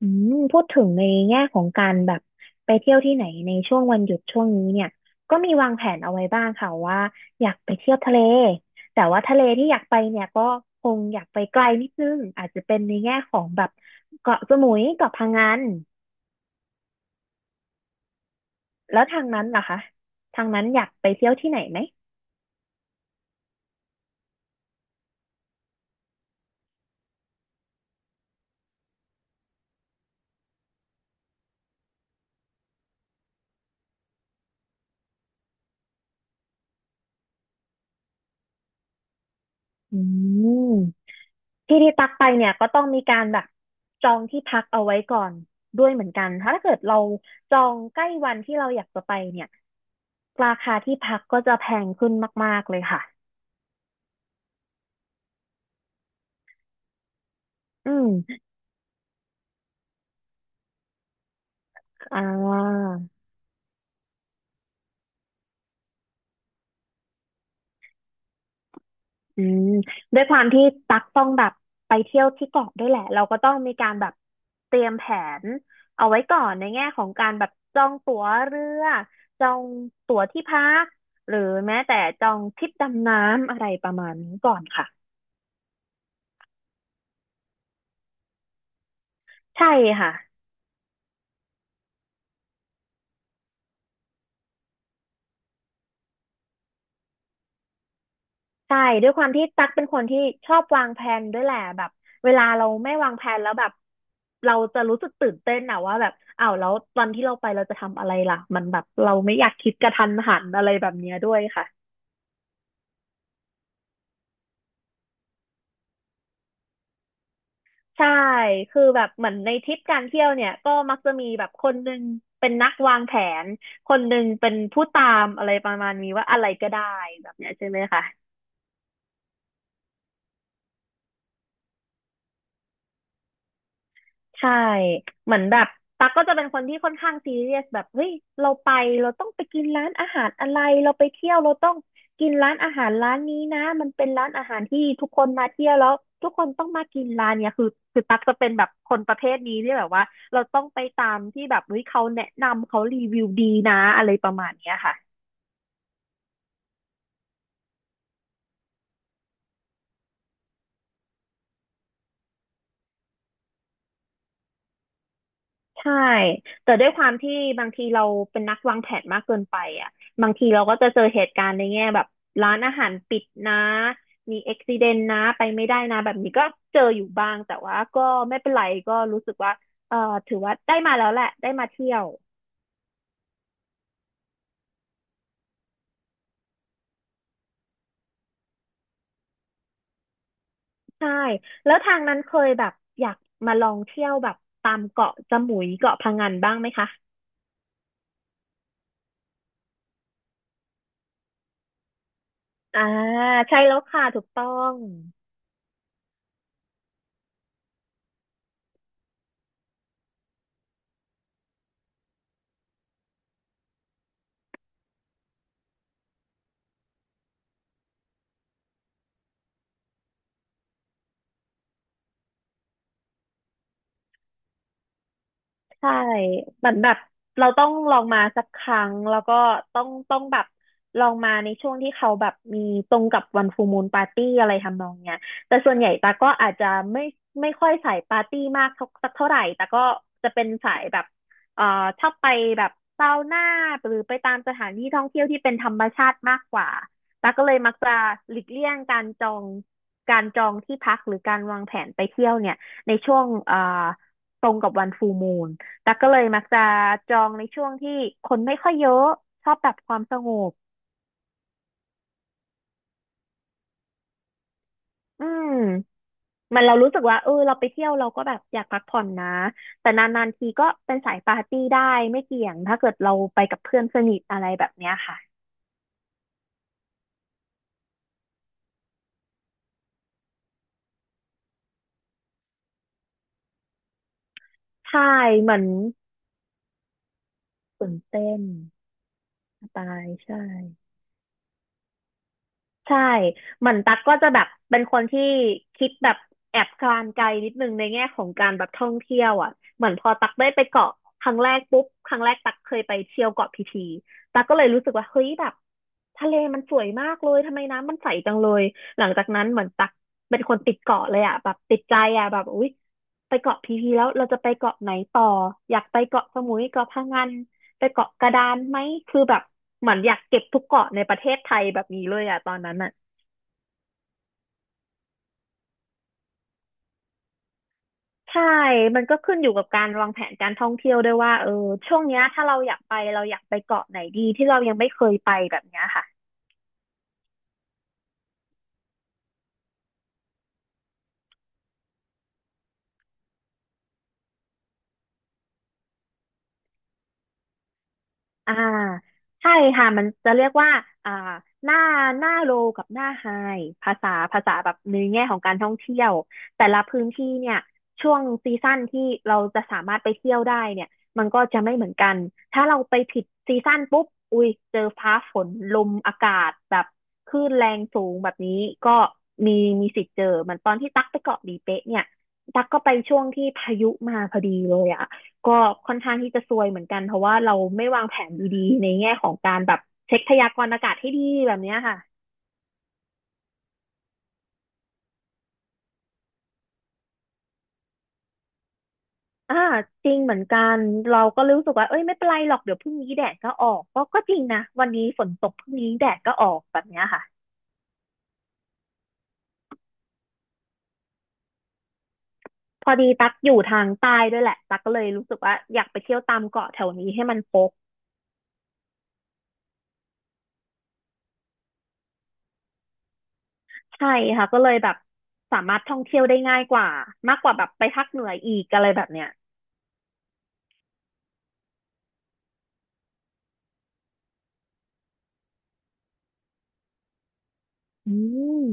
พูดถึงในแง่ของการแบบไปเที่ยวที่ไหนในช่วงวันหยุดช่วงนี้เนี่ยก็มีวางแผนเอาไว้บ้างค่ะว่าอยากไปเที่ยวทะเลแต่ว่าทะเลที่อยากไปเนี่ยก็คงอยากไปไกลนิดนึงอาจจะเป็นในแง่ของแบบเกาะสมุยเกาะพะงันแล้วทางนั้นล่ะคะทางนั้นอยากไปเที่ยวที่ไหนไหมอืมที่ที่ตักไปเนี่ยก็ต้องมีการแบบจองที่พักเอาไว้ก่อนด้วยเหมือนกันถ้าเกิดเราจองใกล้วันที่เราอยากจะไปเนี่ย ราคาที่พักก็จะแพงขึ้นมากๆเลยค่ะอืมอ่าอืมด้วยความที่ตักต้องแบบไปเที่ยวที่เกาะด้วยแหละ เราก็ต้องมีการแบบเตรียมแผนเอาไว้ก่อนในแง่ของการแบบจองตั๋วเรือ จองตั๋วที่พักหรือแม้แต่จองทริปดำน้ำอะไรประมาณนี้ก่อนค่ะ ใช่ค่ะ ใช่ด้วยความที่ตั๊กเป็นคนที่ชอบวางแผนด้วยแหละแบบเวลาเราไม่วางแผนแล้วแบบเราจะรู้สึกตื่นเต้นอะว่าแบบอ้าวแล้วตอนที่เราไปเราจะทำอะไรล่ะมันแบบเราไม่อยากคิดกระทันหันอะไรแบบเนี้ยด้วยค่ะใช่คือแบบเหมือนในทริปการเที่ยวเนี่ยก็มักจะมีแบบคนหนึ่งเป็นนักวางแผนคนหนึ่งเป็นผู้ตามอะไรประมาณนี้ว่าอะไรก็ได้แบบเนี้ยใช่ไหมคะ ใช่เหมือนแบบตั๊กก็จะเป็นคนที่ค่อนข้างซีเรียสแบบเฮ้ยเราไปเราต้องไปกินร้านอาหารอะไรเราไปเที่ยวเราต้องกินร้านอาหารร้านนี้นะมันเป็นร้านอาหารที่ทุกคนมาเที่ยวแล้วทุกคนต้องมากินร้านเนี้ยคือตั๊กจะเป็นแบบคนประเภทนี้ที่แบบว่าเราต้องไปตามที่แบบเฮ้ยเขาแนะนำเขารีวิวดีนะอะไรประมาณเนี้ยค่ะ ใช่ แต่ด้วยความที่บางทีเราเป็นนักวางแผนมากเกินไปอ่ะบางทีเราก็จะเจอเหตุการณ์ในแง่แบบร้านอาหารปิดนะมีอุบิเหตุนะไปไม่ได้นะแบบนี้ก็เจออยู่บ้างแต่ว่าก็ไม่เป็นไรก็รู้สึกว่าเอ่อถือว่าได้มาแล้วแหละได้มาเที่ยวใช่แล้วทางนั้นเคยแบบอยากมาลองเที่ยวแบบตามเกาะสมุยเกาะพะงันบ้างไหมคะอ่าใช่แล้วค่ะถูกต้อง ใช่เหมือนแบบเราต้องลองมาสักครั้งแล้วก็ต้องแบบลองมาในช่วงที่เขาแบบมีตรงกับวันฟูมู o ปาร์ตี้อะไรทำนองเนี้ยแต่ส่วนใหญ่ตาก็อาจจะไม่ไม่ค่อยสายปาร์ตี้มากเท่าสักเท่าไหร่แต่ก็จะเป็นสายแบบเอ่อชอบไปแบบซาวน่าหรือไปตามสถานที่ท่องเที่ยวที่เป็นธรรมชาติมากกว่าตาก็เลยมักจะหลีกเลี่ยงการจองที่พักหรือการวางแผนไปเที่ยวเนี่ยในช่วงตรงกับวันฟูมู แต่กก็เลยมักจะจองในช่วงที่คนไม่ค่อยเยอะชอบแบบความสงบอืมมันเรารู้สึกว่าเออเราไปเที่ยวเราก็แบบอยากพักผ่อนนะแต่นานๆทีก็เป็นสายปาร์ตี้ได้ไม่เกี่ยงถ้าเกิดเราไปกับเพื่อนสนิทอะไรแบบเนี้ยค่ะใช่เหมือนตื่นเต้นสไตลใช่ ใช่เหมือนตั๊กก็จะแบบเป็นคนที่คิดแบบแอบการไกลนิดนึงในแง่ของการแบบท่องเที่ยวอ่ะเหมือนพอตั๊กได้ไปเกาะครั้งแรกปุ๊บครั้งแรกตั๊กเคยไปเที่ยวเกาะพีพีตั๊กก็เลยรู้สึกว่าเฮ้ยแบบทะเลมันสวยมากเลยทำไมน้ำมันใสจังเลยหลังจากนั้นเหมือนตั๊กเป็นคนติดเกาะเลยอ่ะแบบติดใจอ่ะแบบอุ๊ยไปเกาะพีพีแล้วเราจะไปเกาะไหนต่ออยากไปเกาะสมุยเกาะพะงัน ไปเกาะกระดานไหม คือแบบเหมือนอยากเก็บทุกเกาะในประเทศไทยแบบนี้เลยอะตอนนั้นอะใช่ มันก็ขึ้นอยู่กับการวางแผนการท่องเที่ยวด้วยว่าเออช่วงเนี้ยถ้าเราอยากไปเราอยากไปเกาะไหนดีที่เรายังไม่เคยไปแบบเนี้ยค่ะ อ่าใช่ค่ะมันจะเรียกว่าอ่าหน้าหน้าโลกับหน้าไฮภาษาแบบในแง่ของการท่องเที่ยวแต่ละพื้นที่เนี่ยช่วงซีซั่นที่เราจะสามารถไปเที่ยวได้เนี่ยมันก็จะไม่เหมือนกันถ้าเราไปผิดซีซั่นปุ๊บอุ้ยเจอฟ้าฝนลมอากาศแบบคลื่นแรงสูงแบบนี้ก็มีมีสิทธิ์เจอเหมือนตอนที่ตักไปเกาะหลีเป๊ะเนี่ยตักก็ไปช่วงที่พายุมาพอดีเลยอะ ก็ค่อนข้างที่จะซวยเหมือนกันเพราะว่าเราไม่วางแผนดีๆในแง่ของการแบบเช็คพยากรณ์อากาศให้ดีแบบเนี้ยค่ะอ่าจริงเหมือนกันเราก็รู้สึกว่าเอ้ยไม่เป็นไรหรอกเดี๋ยวพรุ่งนี้แดดก็ออกก็จริงนะวันนี้ฝนตกพรุ่งนี้แดดก็ออกแบบเนี้ยค่ะพอดีตักอยู่ทางใต้ด้วยแหละตักก็เลยรู้สึกว่าอยากไปเที่ยวตามเกาะแถวนี้ให้มันครบใช่ค่ะก็เลยแบบสามารถท่องเที่ยวได้ง่ายกว่ามากกว่าแบบไปภาคเหนืออีกอะไรแบบเนี้ยอืม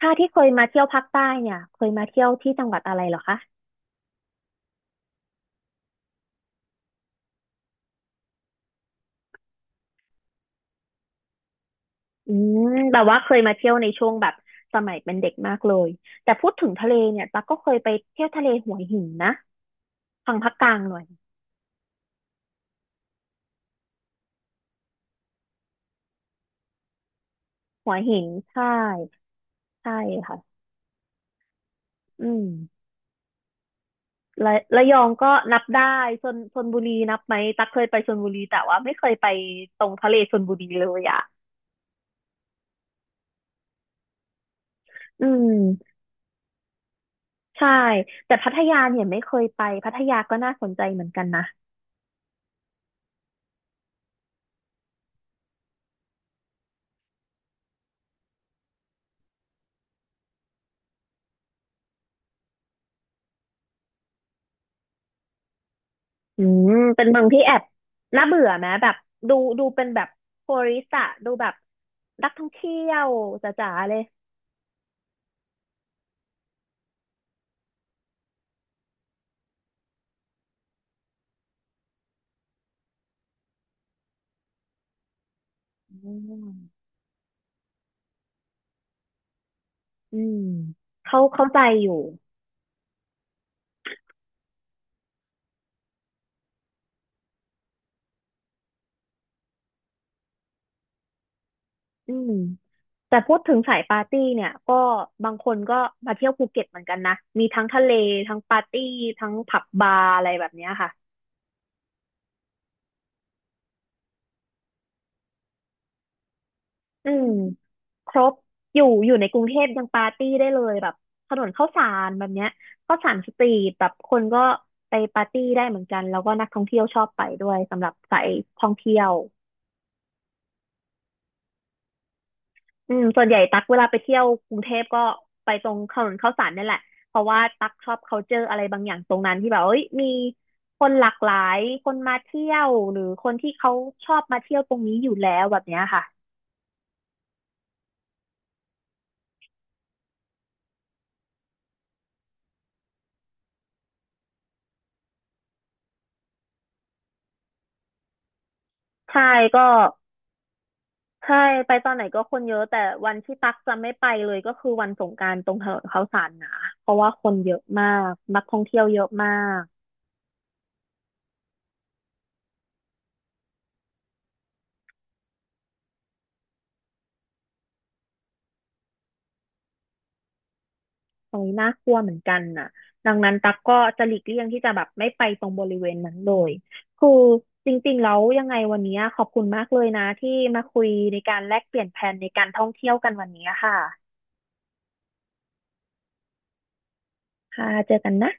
ถ้าที่เคยมาเที่ยวภาคใต้เนี่ยเคยมาเที่ยวที่จังหวัดอะไรเหรอคะอืมแบบว่าเคยมาเที่ยวในช่วงแบบสมัยเป็นเด็กมากเลยแต่พูดถึงทะเลเนี่ยตั๊กก็เคยไปเที่ยวทะเลหัวหินนะทางภาคกลางหน่อยหัวหินใช่ใช่ค่ะอืมระยองก็นับได้ชลบุรีนับไหมตั๊กเคยไปชลบุรีแต่ว่าไม่เคยไปตรงทะเลชลบุรีเลยอ่ะอืมใช่แต่พัทยาเนี่ยไม่เคยไปพัทยาก็น่าสนใจเหมือนกันนะ อืมเป็นเมืองที่แอบน่าเบื่อไหมแบบดูเป็นแบบทัวริสต์อะดูแบบนักท่องเที่ยวจ๋าๆเลยอืมอืมเขาเข้าใจอยู่อืมแต่พูดถึงสายปาร์ตี้เนี่ยก็บางคนก็มาเที่ยวภูเก็ตเหมือนกันนะมีทั้งทะเลทั้งปาร์ตี้ทั้งผับบาร์อะไรแบบเนี้ยค่ะ อืมครบอยู่ในกรุงเทพยังปาร์ตี้ได้เลยแบบถนนข้าวสารแบบเนี้ยข้าวสารสตรีทแบบคนก็ไปปาร์ตี้ได้เหมือนกันแล้วก็นักท่องเที่ยวชอบไปด้วยสำหรับสายท่องเที่ยวอืมส่วนใหญ่ตักเวลาไปเที่ยวกรุงเทพก็ไปตรงถนนข้าวสารนี่แหละเพราะว่าตักชอบ culture อะไรบางอย่างตรงนั้นที่แบบเอ้ยมีคนหลากหลายคนมาเที่ยวหรือคนที่เขาชอบมาเที่ยวตรงนี้อยู่แล้วแบบเนี้ยค่ะใช่ก็ ใช่ไปตอนไหนก็คนเยอะแต่วันที่ตักจะไม่ไปเลยก็คือวันสงกรานต์ตรงถนนข้าวสารนะเพราะว่าคนเยอะมากนักท่องเที่ยวเยอะมากตรงนี้น่ากลัวเหมือนกันน่ะดังนั้นตักก็จะหลีกเลี่ยงที่จะแบบไม่ไปตรงบริเวณนั้นเลยคือจริงๆแล้วยังไงวันนี้ขอบคุณมากเลยนะที่มาคุยในการแลกเปลี่ยนแผนในการท่องเที่ยวกันวันนี้ค่ะค่ะเจอกันนะ